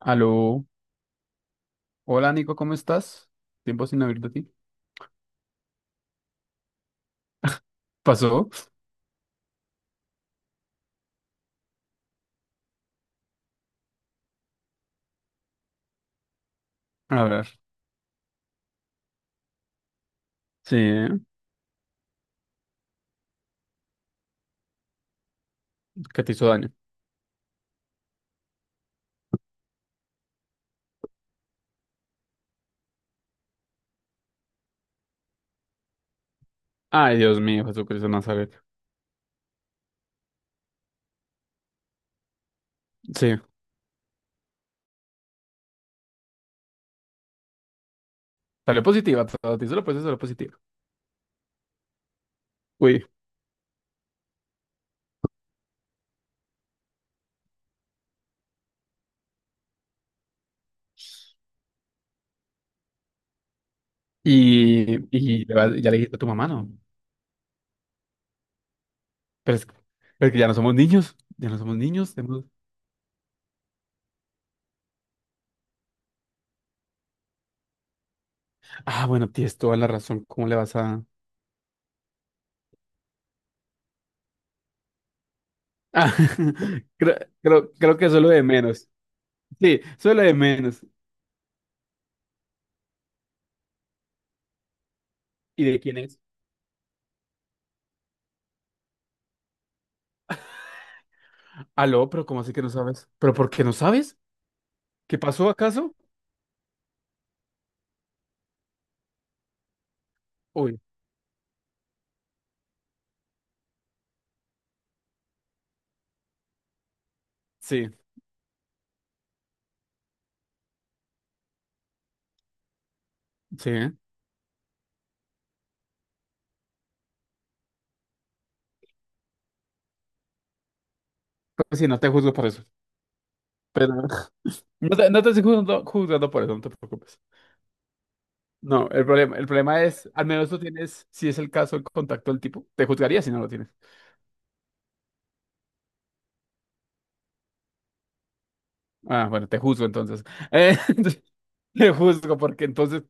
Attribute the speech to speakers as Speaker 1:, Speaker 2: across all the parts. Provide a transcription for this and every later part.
Speaker 1: Aló. Hola, Nico, ¿cómo estás? Tiempo sin oír de ti. ¿Pasó? A ver. Sí, ¿qué te hizo daño? Ay, Dios mío, Jesucristo de Nazaret. Sí, salió positiva, todo. Te hizo la prueba, salió positiva. Uy. Y le vas- ya le dijiste a tu mamá, ¿no? Pero es que ya no somos niños. Ya no somos niños, tenemos- Ah, bueno, tienes toda la razón. ¿Cómo le vas a...? Ah, creo, creo que eso es lo de menos. Sí, eso es lo de menos. ¿Y de quién es? Aló, pero ¿cómo así que no sabes? ¿Pero por qué no sabes? ¿Qué pasó acaso? Uy, sí, sí. Pues sí, no te juzgo por eso. Pero no te, no te estoy juzgando por eso, no te preocupes. No, el problema es, al menos tú tienes, si es el caso, el contacto del tipo. Te juzgaría si no lo tienes. Ah, bueno, te juzgo entonces. Eh, te juzgo porque entonces,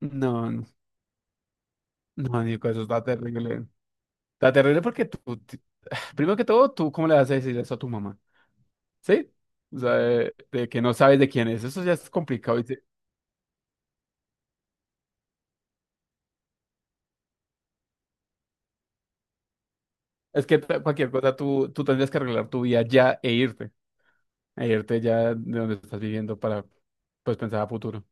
Speaker 1: no, no, no, Nico, eso está terrible. Está terrible porque tú, ti- primero que todo, tú, ¿cómo le vas a decir eso a tu mamá? ¿Sí? O sea, de que no sabes de quién es. Eso ya es complicado. Es que ta- cualquier cosa tú, tú tendrías que arreglar tu vida ya e irte ya de donde estás viviendo para pues pensar a futuro.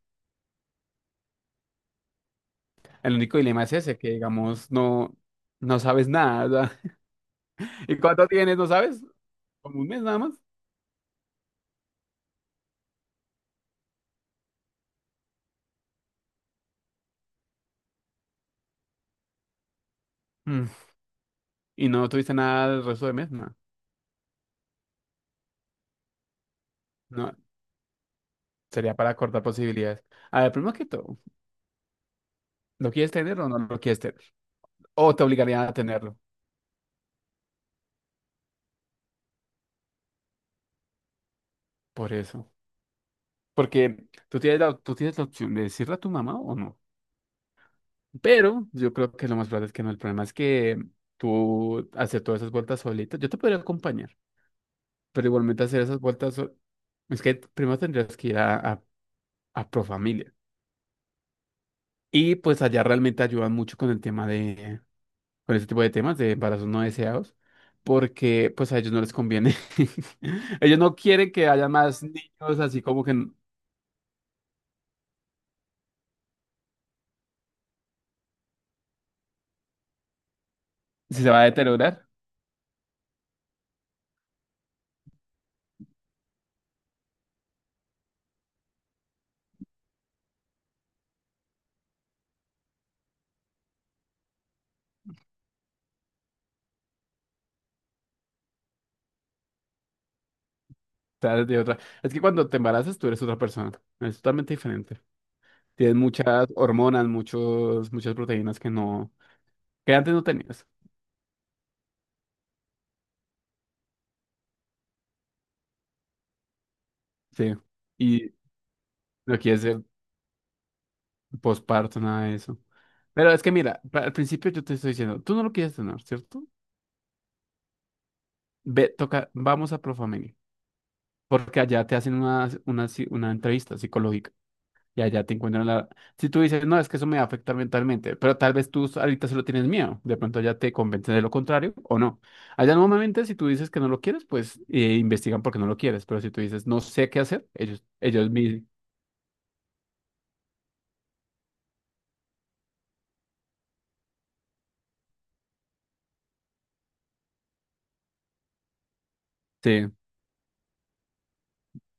Speaker 1: El único dilema es ese, que digamos no, no sabes nada. O sea, ¿y cuánto tienes? ¿No sabes? Como un mes nada más. Mm, y no tuviste nada el resto de mes, no. No, sería para cortar posibilidades. A ver, primero que todo, ¿lo quieres tener o no lo quieres tener? O te obligarían a tenerlo, por eso. Porque tú tienes la opción de decirle a tu mamá o no. Pero yo creo que lo más probable es que no. El problema es que tú hacer todas esas vueltas solita, yo te podría acompañar, pero igualmente hacer esas vueltas, sol- es que primero tendrías que ir a Profamilia. Y pues allá realmente ayudan mucho con el tema de, con ese tipo de temas de embarazos no deseados, porque pues a ellos no les conviene. Ellos no quieren que haya más niños así como que n- si se va a deteriorar. Tal, de otra. Es que cuando te embarazas tú eres otra persona, es totalmente diferente. Tienes muchas hormonas, muchos, muchas proteínas que no, que antes no tenías. Sí. Y no quieres ser posparto, nada de eso. Pero es que mira, pa- al principio yo te estoy diciendo, tú no lo quieres tener, ¿cierto? Ve, toca, vamos a Profamilia, porque allá te hacen una, ci- una entrevista psicológica. Y allá te encuentran la... Si tú dices, no, es que eso me va a afectar mentalmente, pero tal vez tú ahorita solo tienes miedo, de pronto ya te convencen de lo contrario o no. Allá normalmente si tú dices que no lo quieres, pues investigan porque no lo quieres, pero si tú dices, no sé qué hacer, ellos mismos, sí.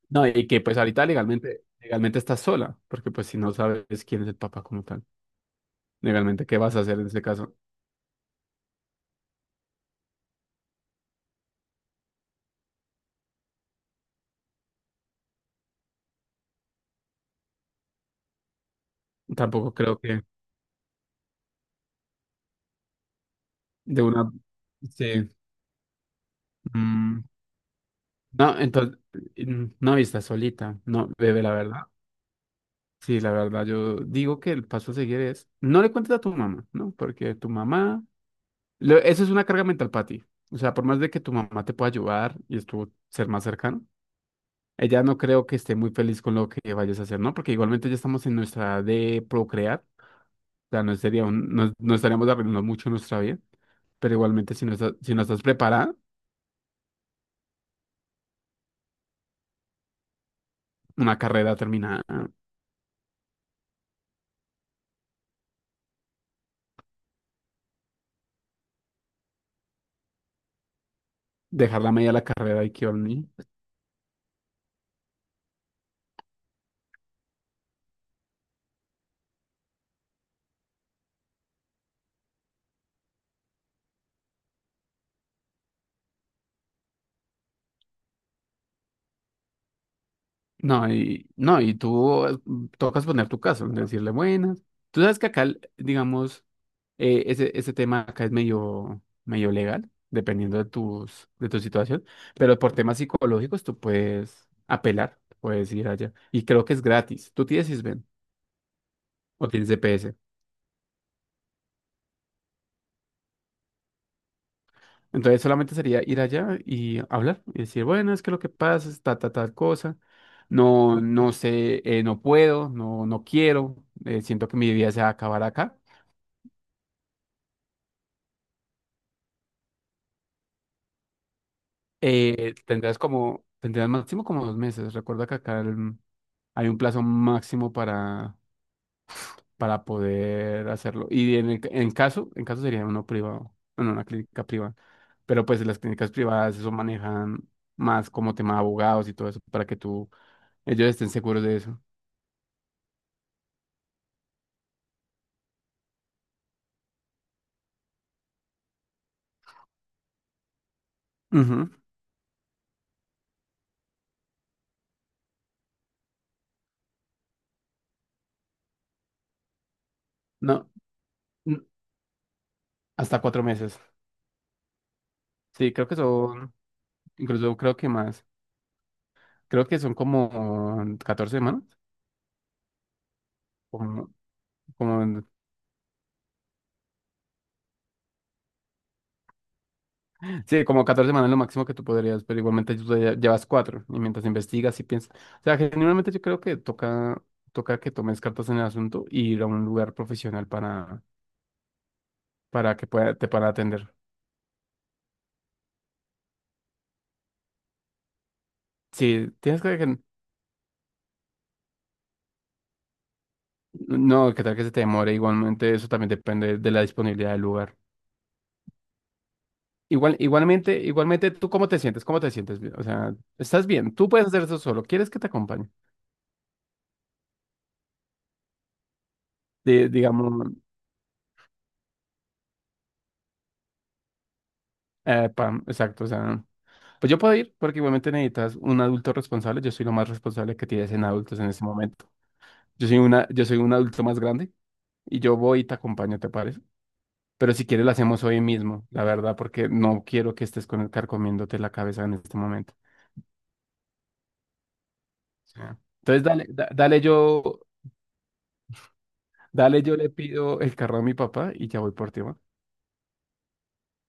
Speaker 1: No, y que pues ahorita legalmente, legalmente estás sola, porque pues si no sabes quién es el papá como tal, legalmente, ¿qué vas a hacer en ese caso? Tampoco creo que de una... Sí. Mm, no, entonces, mm, no, y estás solita, no, bebe, la verdad. Sí, la verdad, yo digo que el paso a seguir es, no le cuentes a tu mamá, ¿no? Porque tu mamá, lo- eso es una carga mental para ti. O sea, por más de que tu mamá te pueda ayudar y estuvo ser más cercano, ella no creo que esté muy feliz con lo que vayas a hacer, ¿no? Porque igualmente ya estamos en nuestra edad de procrear, o sea, no sería un- no, no estaríamos arruinando mucho nuestra vida, pero igualmente si no estás, si no estás preparada, una carrera terminada, dejar la media la carrera y que ni no, y, no, y tú tocas poner tu caso, decirle buenas. Tú sabes que acá, digamos, ese, ese tema acá es medio, medio legal, dependiendo de tus, de tu situación, pero por temas psicológicos tú puedes apelar, puedes ir allá. Y creo que es gratis. Tú tienes ISBEN o tienes DPS. Entonces solamente sería ir allá y hablar y decir, bueno, es que lo que pasa es ta, ta, tal cosa. No, no sé, no puedo, no, no quiero, siento que mi vida se va a acabar acá. Tendrás como, tendrás máximo como 2 meses. Recuerda que acá el- hay un plazo máximo para poder hacerlo. Y en, el- en caso sería uno privado, bueno, una clínica privada. Pero pues las clínicas privadas eso manejan más como tema de abogados y todo eso para que tú, ellos estén seguros de eso. Ujú. No, n- hasta 4 meses. Sí, creo que son, incluso creo que más. Creo que son como 14 semanas, como, como sí, como 14 semanas es lo máximo que tú podrías, pero igualmente tú ya llevas cuatro y mientras investigas y piensas. O sea, generalmente yo creo que toca, toca que tomes cartas en el asunto y ir a un lugar profesional para que pueda, te puedan atender. Sí, tienes que- no, que tal que se te demore, igualmente eso también depende de la disponibilidad del lugar. Igual, igualmente, igualmente, ¿tú cómo te sientes? ¿Cómo te sientes? O sea, estás bien, tú puedes hacer eso solo, ¿quieres que te acompañe? Di- digamos, pam, exacto, o sea... Pues yo puedo ir porque igualmente necesitas un adulto responsable. Yo soy lo más responsable que tienes en adultos en ese momento. Yo soy una, yo soy un adulto más grande y yo voy y te acompaño, ¿te parece? Pero si quieres lo hacemos hoy mismo, la verdad, porque no quiero que estés con el carcomiéndote la cabeza en este momento. Sí. Entonces dale, da- dale yo le pido el carro a mi papá y ya voy por ti, ¿va?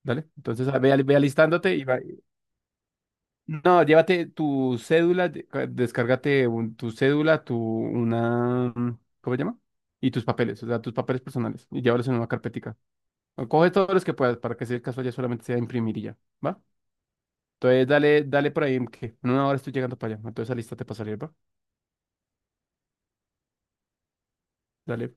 Speaker 1: Dale. Entonces ve, al- ve alistándote y va, no, llévate tu cédula, de- ca- descárgate un- tu cédula, tu una, mm, ¿cómo se llama? Y tus papeles, o sea, tus papeles personales, y llévalos en una carpetica. O coge todos los que puedas para que si el caso ya solamente sea imprimir y ya, ¿va? Entonces dale, dale por ahí, que en 1 hora estoy llegando para allá. Entonces lista para salir, ¿va? Dale.